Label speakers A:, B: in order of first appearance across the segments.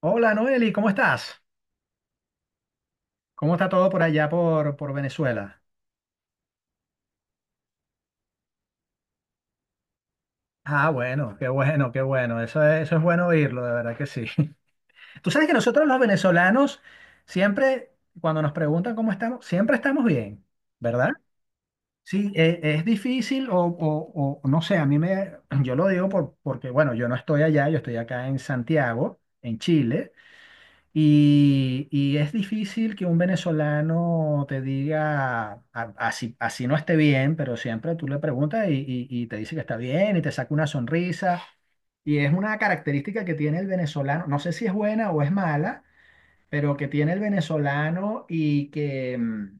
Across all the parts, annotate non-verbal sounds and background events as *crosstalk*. A: Hola Noeli, ¿cómo estás? ¿Cómo está todo por allá por Venezuela? Ah, bueno, qué bueno, qué bueno. Eso es bueno oírlo, de verdad que sí. *laughs* Tú sabes que nosotros los venezolanos siempre, cuando nos preguntan cómo estamos, siempre estamos bien, ¿verdad? Sí, es difícil o no sé, yo lo digo porque, bueno, yo no estoy allá, yo estoy acá en Santiago, en Chile. Y es difícil que un venezolano te diga, así, así no esté bien, pero siempre tú le preguntas y te dice que está bien y te saca una sonrisa. Y es una característica que tiene el venezolano, no sé si es buena o es mala, pero que tiene el venezolano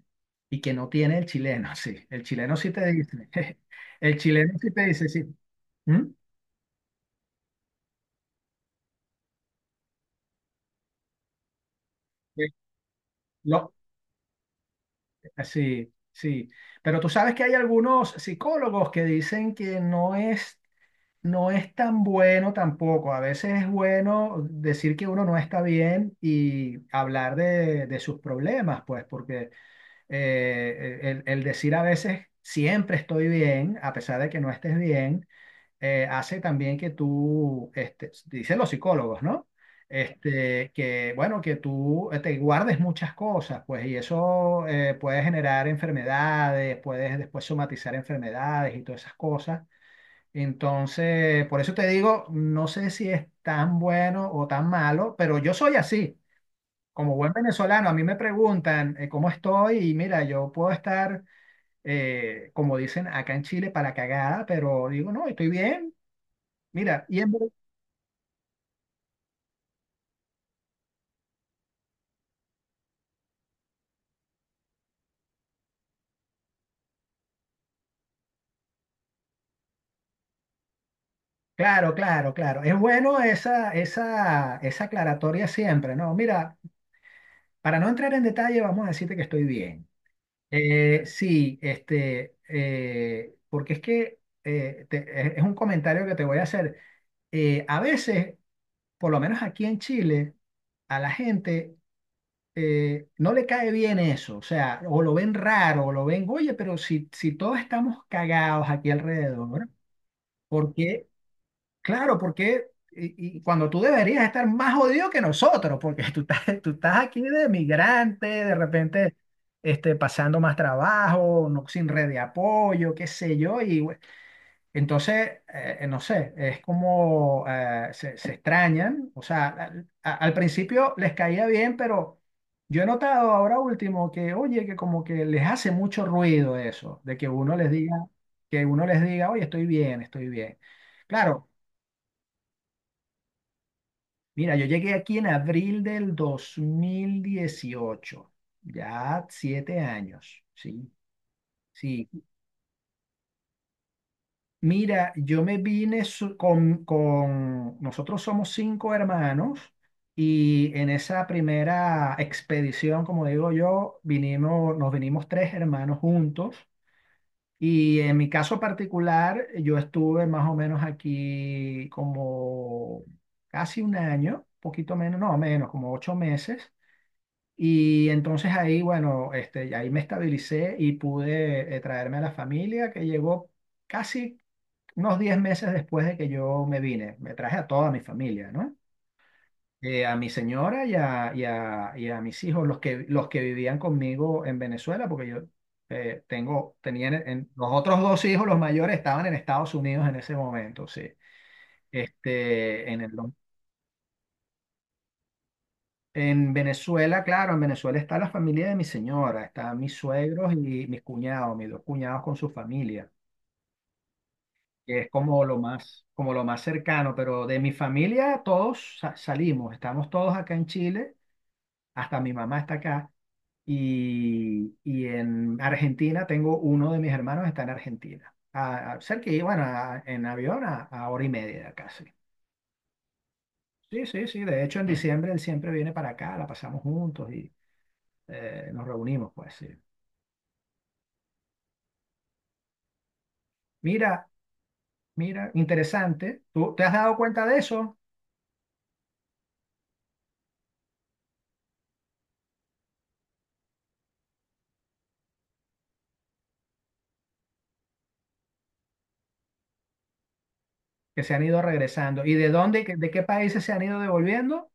A: y que no tiene el chileno, *laughs* sí. El chileno sí te dice, *laughs* el chileno sí te dice, sí. ¿Mm? Sí. Lo- Sí, sí. Pero tú sabes que hay algunos psicólogos que dicen que no es, no es tan bueno tampoco. A veces es bueno decir que uno no está bien y hablar de sus problemas, pues, porque el decir a veces siempre estoy bien, a pesar de que no estés bien, hace también que tú, este, dicen los psicólogos, ¿no? Este, que, bueno, que tú te guardes muchas cosas, pues, y eso puede generar enfermedades, puedes después somatizar enfermedades y todas esas cosas. Entonces, por eso te digo, no sé si es tan bueno o tan malo, pero yo soy así. Como buen venezolano, a mí me preguntan cómo estoy y mira, yo puedo estar, como dicen acá en Chile, para la cagada, pero digo, no, estoy bien. Mira, y en. Claro, claro, claro. Es bueno esa aclaratoria siempre, ¿no? Mira, para no entrar en detalle, vamos a decirte que estoy bien. Sí, este, porque es que es un comentario que te voy a hacer. A veces, por lo menos aquí en Chile, a la gente no le cae bien eso, o sea, o lo ven raro, o lo ven, oye, pero si, si todos estamos cagados aquí alrededor, ¿no? ¿Por qué? Claro, porque y cuando tú deberías estar más jodido que nosotros, porque *laughs* tú estás aquí de migrante, de repente este, pasando más trabajo, no, sin red de apoyo, qué sé yo, entonces, no sé, es como se, se extrañan, o sea, al principio les caía bien, pero yo he notado ahora último que, oye, que como que les hace mucho ruido eso, de que uno les diga, que uno les diga, oye, estoy bien, estoy bien. Claro. Mira, yo llegué aquí en abril del 2018, ya 7 años, ¿sí? Sí, mira, yo me vine so- con, nosotros somos 5 hermanos y en esa primera expedición, como digo yo, vinimos, nos vinimos 3 hermanos juntos y en mi caso particular, yo estuve más o menos aquí como casi un año, poquito menos, no, menos, como 8 meses. Y entonces ahí, bueno, este, ahí me estabilicé y pude traerme a la familia que llegó casi unos 10 meses después de que yo me vine. Me traje a toda mi familia, ¿no? A mi señora y a mis hijos, los que vivían conmigo en Venezuela, porque yo tenía los otros 2 hijos, los mayores, estaban en Estados Unidos en ese momento, sí. Este, en el. En Venezuela, claro, en Venezuela está la familia de mi señora, están mis suegros y mis cuñados, mis 2 cuñados con su familia, que es como lo más cercano, pero de mi familia salimos, estamos todos acá en Chile, hasta mi mamá está acá, y en Argentina tengo uno de mis hermanos está en Argentina, cerca, y bueno, en avión a hora y media casi. Sí, sí, sí, sí, de hecho en diciembre él siempre viene para acá, la pasamos juntos y nos reunimos, pues sí. Mira, mira, interesante. ¿Tú te has dado cuenta de eso? Que se han ido regresando. ¿Y de dónde, de qué países se han ido devolviendo?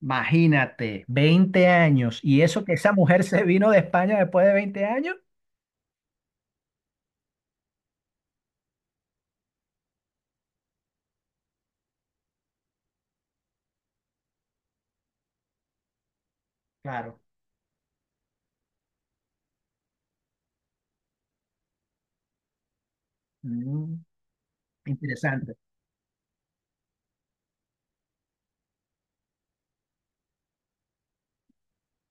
A: Imagínate, 20 años. ¿Y eso que esa mujer se vino de España después de 20 años? Claro. Mm, interesante,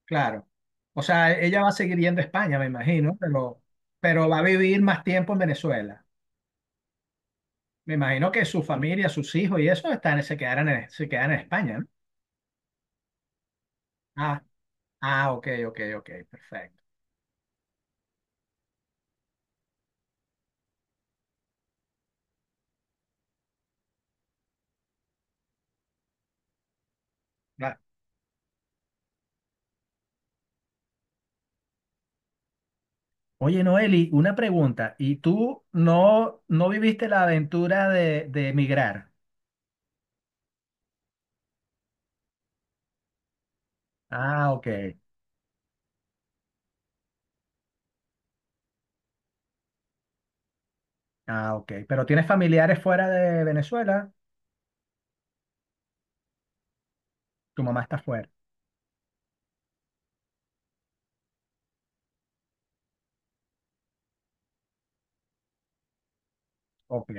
A: claro. O sea, ella va a seguir yendo a España, me imagino, pero va a vivir más tiempo en Venezuela. Me imagino que su familia, sus hijos y eso están, se quedarán en, se quedan en España, ¿no? Ah, ah, ok, ok, ok, perfecto. Claro. Oye, Noeli, una pregunta. ¿Y tú no, no viviste la aventura de emigrar? Ah, ok. Ah, ok. Pero tienes familiares fuera de Venezuela. Tu mamá está fuera. Ok.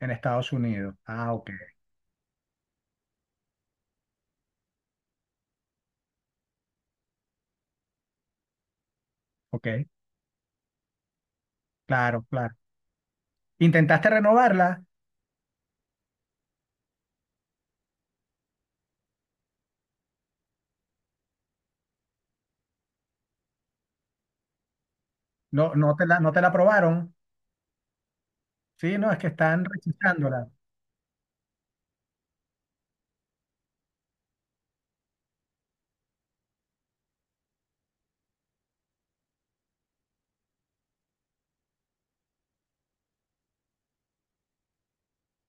A: En Estados Unidos. Ah, ok. Ok. Claro, claro. ¿Intentaste renovarla? No, no te la, no te la aprobaron. Sí, no, es que están rechazándola.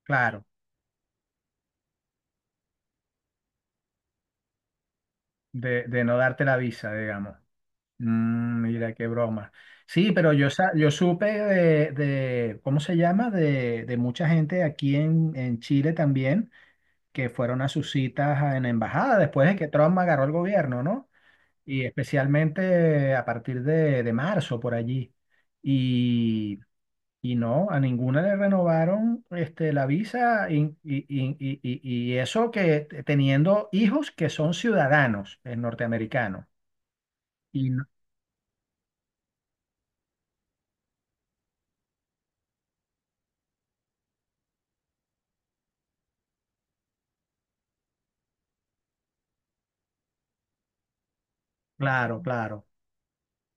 A: Claro. De no darte la visa, digamos. Mm, mira, qué broma. Sí, pero yo, yo supe de, ¿cómo se llama? De mucha gente aquí en Chile también que fueron a sus citas en la embajada después de que Trump agarró el gobierno, ¿no? Y especialmente a partir de marzo por allí. Y, y no, a ninguna le renovaron este, la visa y eso que teniendo hijos que son ciudadanos norteamericanos. Y no- claro, claro.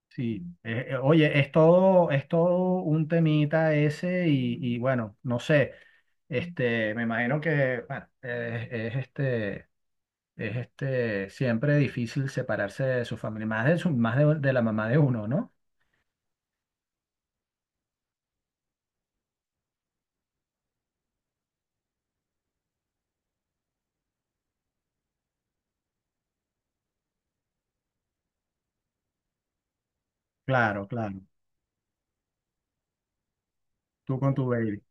A: Sí, oye, es todo un temita ese y bueno, no sé, este, me imagino que, bueno, es este, siempre difícil separarse de su familia, más de su, más de la mamá de uno, ¿no? Claro, claro, tú con tu baby,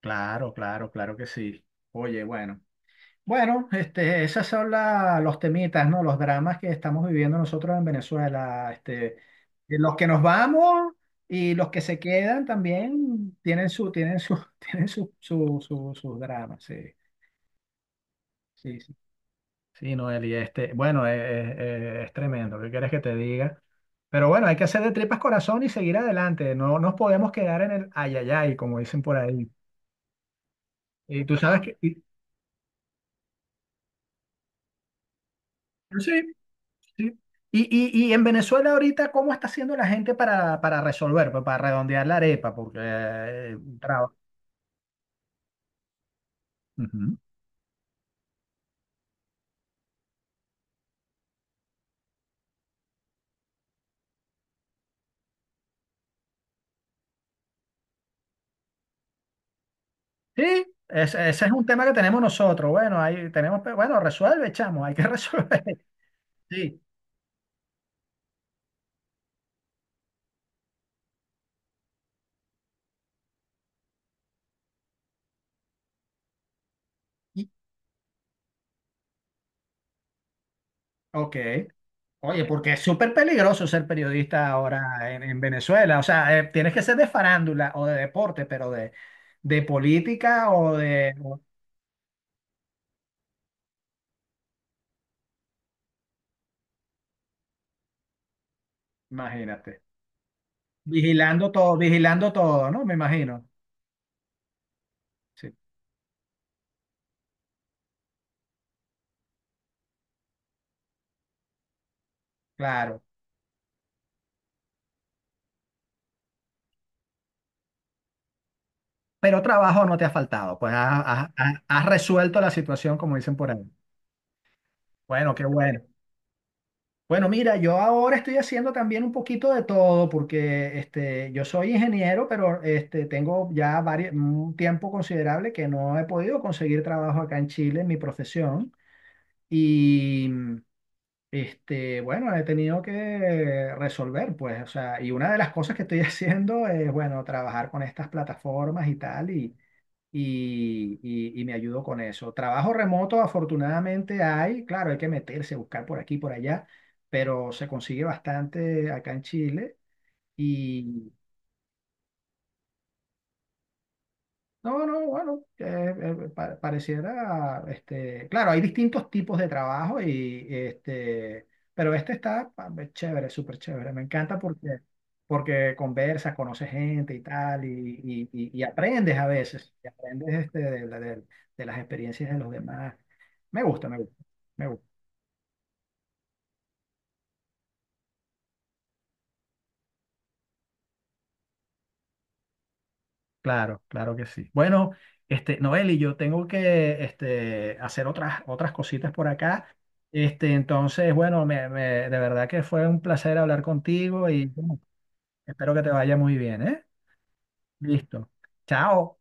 A: claro, claro, claro que sí. Oye, bueno. Bueno, este, esas son los temitas, ¿no? Los dramas que estamos viviendo nosotros en Venezuela. Este, de los que nos vamos y los que se quedan también tienen su, *laughs* tienen su, sus dramas. Sí, sí, sí. Sí, Noel, y este, bueno, es, es tremendo. ¿Qué quieres que te diga? Pero bueno, hay que hacer de tripas corazón y seguir adelante. No nos podemos quedar en el ayayay, como dicen por ahí. Y tú sabes que, sí, sí. Y, y en Venezuela ahorita, ¿cómo está haciendo la gente para resolver, pues, para redondear la arepa? Porque ujú. Sí, ese es un tema que tenemos nosotros. Bueno, ahí tenemos, bueno, resuelve, chamo, hay que *laughs* resolver. Sí. Y- ok. Oye, porque es súper peligroso ser periodista ahora en Venezuela. O sea, tienes que ser de farándula o de deporte, pero de política o de... imagínate. Vigilando todo, ¿no? Me imagino. Sí, claro. Pero trabajo no te ha faltado, pues has, has resuelto la situación, como dicen por ahí. Bueno, qué bueno. Bueno, mira, yo ahora estoy haciendo también un poquito de todo, porque este, yo soy ingeniero, pero este, tengo ya un tiempo considerable que no he podido conseguir trabajo acá en Chile en mi profesión. Y este, bueno, he tenido que resolver, pues, o sea, y una de las cosas que estoy *laughs* haciendo es, bueno, trabajar con estas plataformas y tal. Y y me ayudó con eso. Trabajo remoto, afortunadamente hay, claro, hay que meterse, buscar por aquí, por allá, pero se consigue bastante acá en Chile. No, no, bueno, pareciera, este, claro, hay distintos tipos de trabajo y este, pero este está chévere, súper chévere. Me encanta porque, porque conversas, conoces gente y tal, y aprendes a veces, y aprendes este, de las experiencias de los demás. Me gusta, me gusta, me gusta. Claro, claro que sí. Bueno, este, Noeli, yo tengo que este, hacer otras, otras cositas por acá. Este, entonces, bueno, de verdad que fue un placer hablar contigo y bueno, espero que te vaya muy bien, ¿eh? Listo. Chao.